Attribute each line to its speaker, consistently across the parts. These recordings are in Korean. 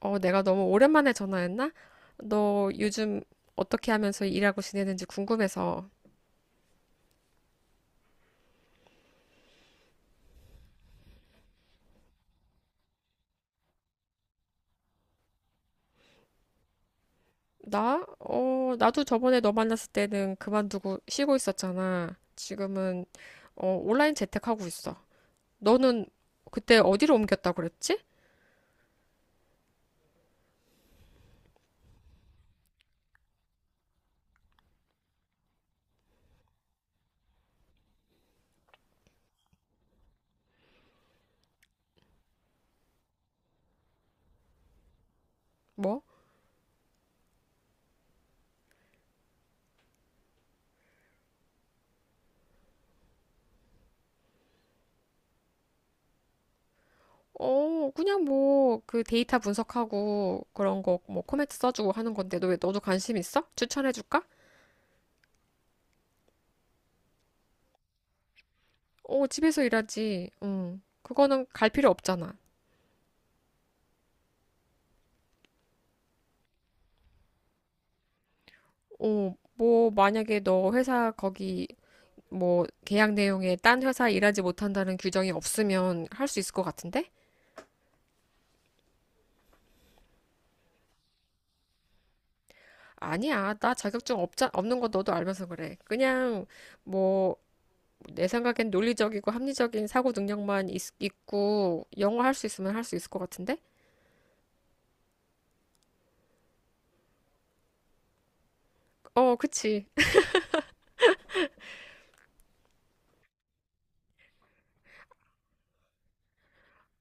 Speaker 1: 내가 너무 오랜만에 전화했나? 너 요즘 어떻게 하면서 일하고 지내는지 궁금해서. 나? 나도 저번에 너 만났을 때는 그만두고 쉬고 있었잖아. 지금은 온라인 재택하고 있어. 너는 그때 어디로 옮겼다고 그랬지? 뭐? 그냥 뭐 그 데이터 분석하고 그런 거 뭐 코멘트 써주고 하는 건데 너 왜 너도 관심 있어? 추천해줄까? 집에서 일하지. 응. 그거는 갈 필요 없잖아. 뭐, 만약에 너 회사 거기, 뭐, 계약 내용에 딴 회사 일하지 못한다는 규정이 없으면 할 수 있을 것 같은데? 아니야. 나 자격증 없는 거 너도 알면서 그래. 그냥, 뭐, 내 생각엔 논리적이고 합리적인 사고 능력만 있고, 영어 할 수 있으면 할 수 있을 것 같은데? 그치.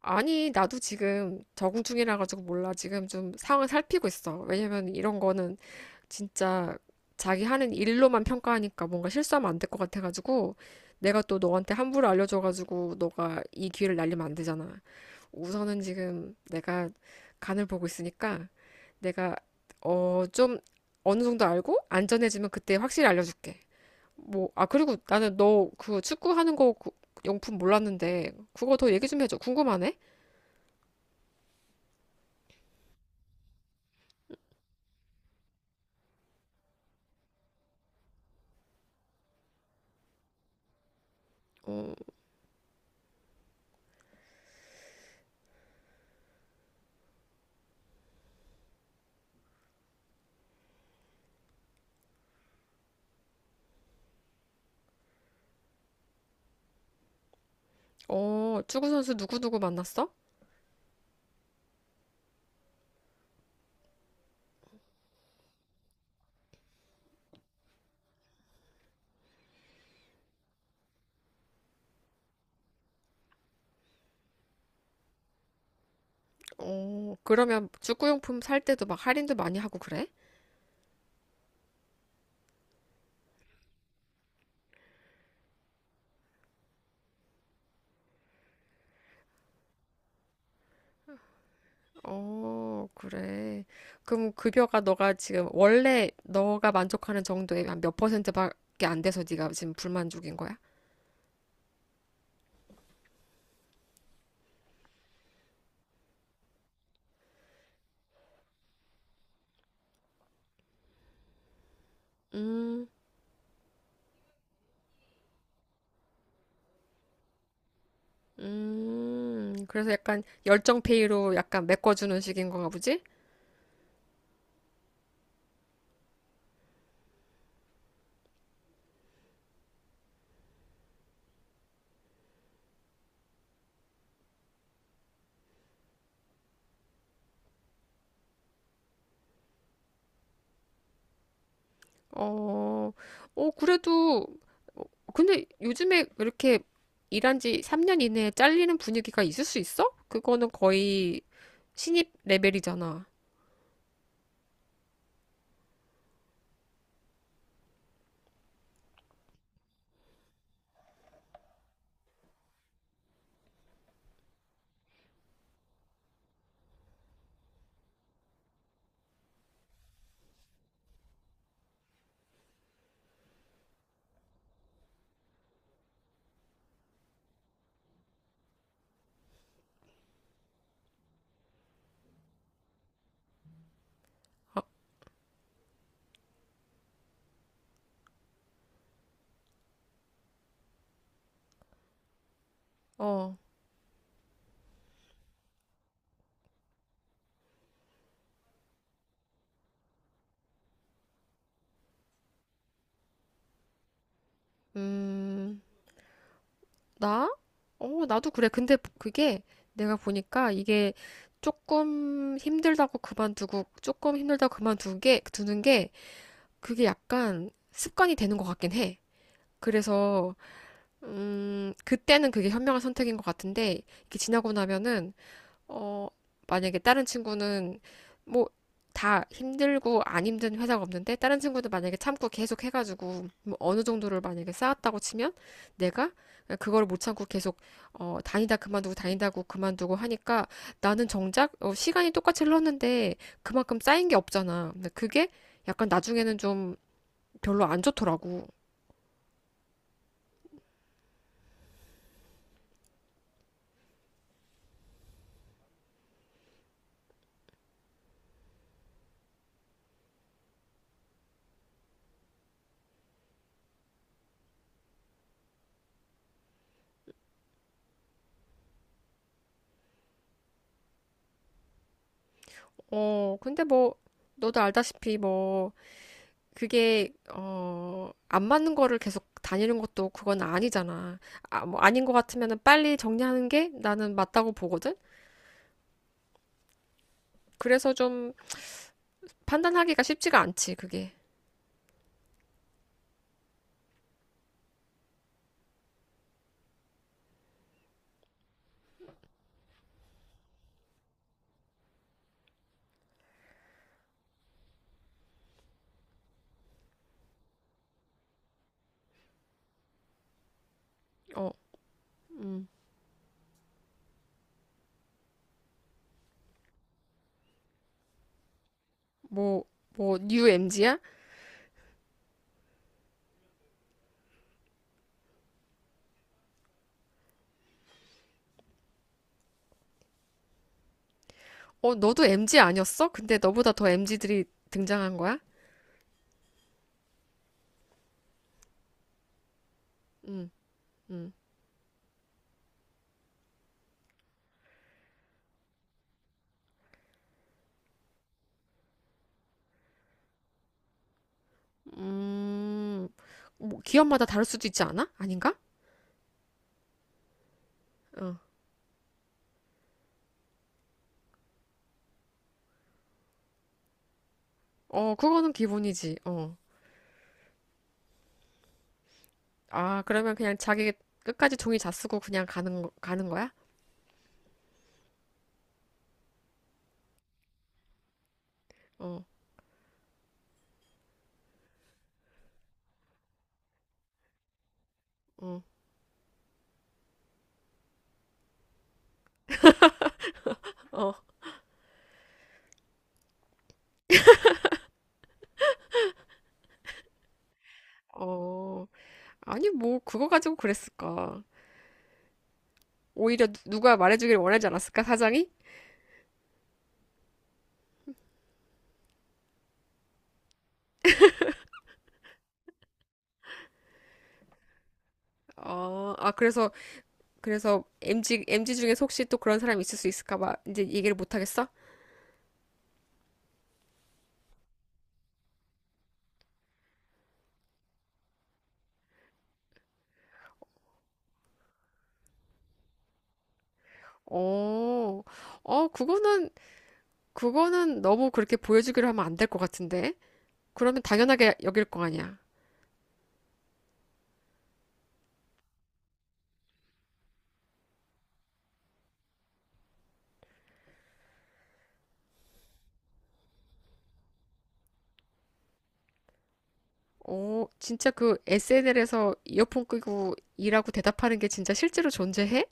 Speaker 1: 아니, 나도 지금 적응 중이라 가지고 몰라. 지금 좀 상황 을 살피고 있어. 왜냐면 이런 거는 진짜 자기 하는 일로만 평가하니까 뭔가 실수하면 안될 것 같아가지고 내가 또 너한테 함부로 알려줘가지고 너가 이 기회를 날리면 안 되잖아. 우선은 지금 내가 간을 보고 있으니까 내가 좀 어느 정도 알고 안전해지면 그때 확실히 알려줄게. 뭐, 그리고 나는 너 그 축구하는 거 그 용품 몰랐는데 그거 더 얘기 좀 해줘. 궁금하네. 어, 축구 선수 누구누구 만났어? 그러면 축구용품 살 때도 막 할인도 많이 하고 그래? 어, 그래. 그럼 급여가 너가 지금 원래 너가 만족하는 정도의 한 몇 퍼센트밖에 안 돼서 네가 지금 불만족인 거야? 음, 그래서 약간 열정 페이로 약간 메꿔주는 식인 건가 보지? 어, 그래도, 어, 근데 요즘에 이렇게 일한 지 3년 이내에 잘리는 분위기가 있을 수 있어? 그거는 거의 신입 레벨이잖아. 아, 어, 음, 나? 나도 그래. 근데 그게 내가 보니까 이게 조금 힘들다고 그만두고, 조금 힘들다고 두는 게, 그게 약간 습관이 되는 것 같긴 해. 그래서 그때는 그게 현명한 선택인 것 같은데, 이게 지나고 나면은, 어, 만약에 다른 친구는, 뭐, 다 힘들고 안 힘든 회사가 없는데, 다른 친구도 만약에 참고 계속 해가지고, 뭐 어느 정도를 만약에 쌓았다고 치면, 내가 그걸 못 참고 계속, 다니다 그만두고 다니다고 그만두고 하니까, 나는 정작, 시간이 똑같이 흘렀는데, 그만큼 쌓인 게 없잖아. 근데 그게 약간 나중에는 좀 별로 안 좋더라고. 근데 뭐, 너도 알다시피 뭐, 그게 안 맞는 거를 계속 다니는 것도 그건 아니잖아. 뭐 아닌 것 같으면은 빨리 정리하는 게 나는 맞다고 보거든. 그래서 좀 판단하기가 쉽지가 않지, 그게. 어, 뭐, 뭐, 뉴 MG야? 너도 MG 아니었어? 근데 너보다 더 MG들이 등장한 거야? 음, 응 음, 뭐, 기업마다 다를 수도 있지 않아? 아닌가? 어, 어, 그거는 기본이지. 어. 그러면 그냥 자기 끝까지 종이 다 쓰고 그냥 가는 거야? 어. 어. 어, 어, 아니, 뭐, 그거 가지고 그랬을까. 오히려 누가 말해주길 원하지 않았을까, 사장이? 어, 아, 그래서, 그래서, MG, MG 중에 혹시 또 그런 사람이 있을 수 있을까 봐, 이제 얘기를 못 하겠어? 어, 어, 그거는 너무 그렇게 보여주기로 하면 안 될 것 같은데? 그러면 당연하게 여길 거 아니야. 진짜 그 SNL에서 이어폰 끄고 일하고 대답하는 게 진짜 실제로 존재해?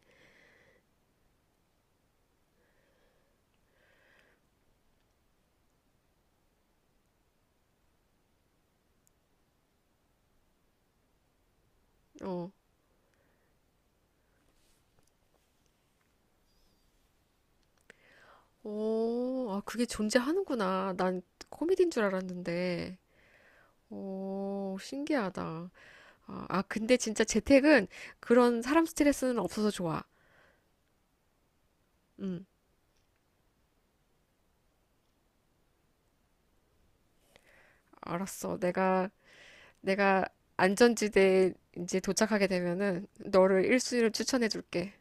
Speaker 1: 어, 오, 아, 그게 존재하는구나. 난 코미디인 줄 알았는데. 오, 신기하다. 아, 아, 근데 진짜 재택은 그런 사람 스트레스는 없어서 좋아. 응, 알았어. 내가 안전지대에 이제 도착하게 되면은 너를 1순위로 추천해 줄게.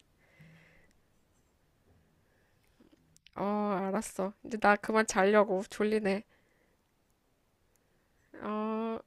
Speaker 1: 어, 알았어. 이제 나 그만 자려고. 졸리네. 어.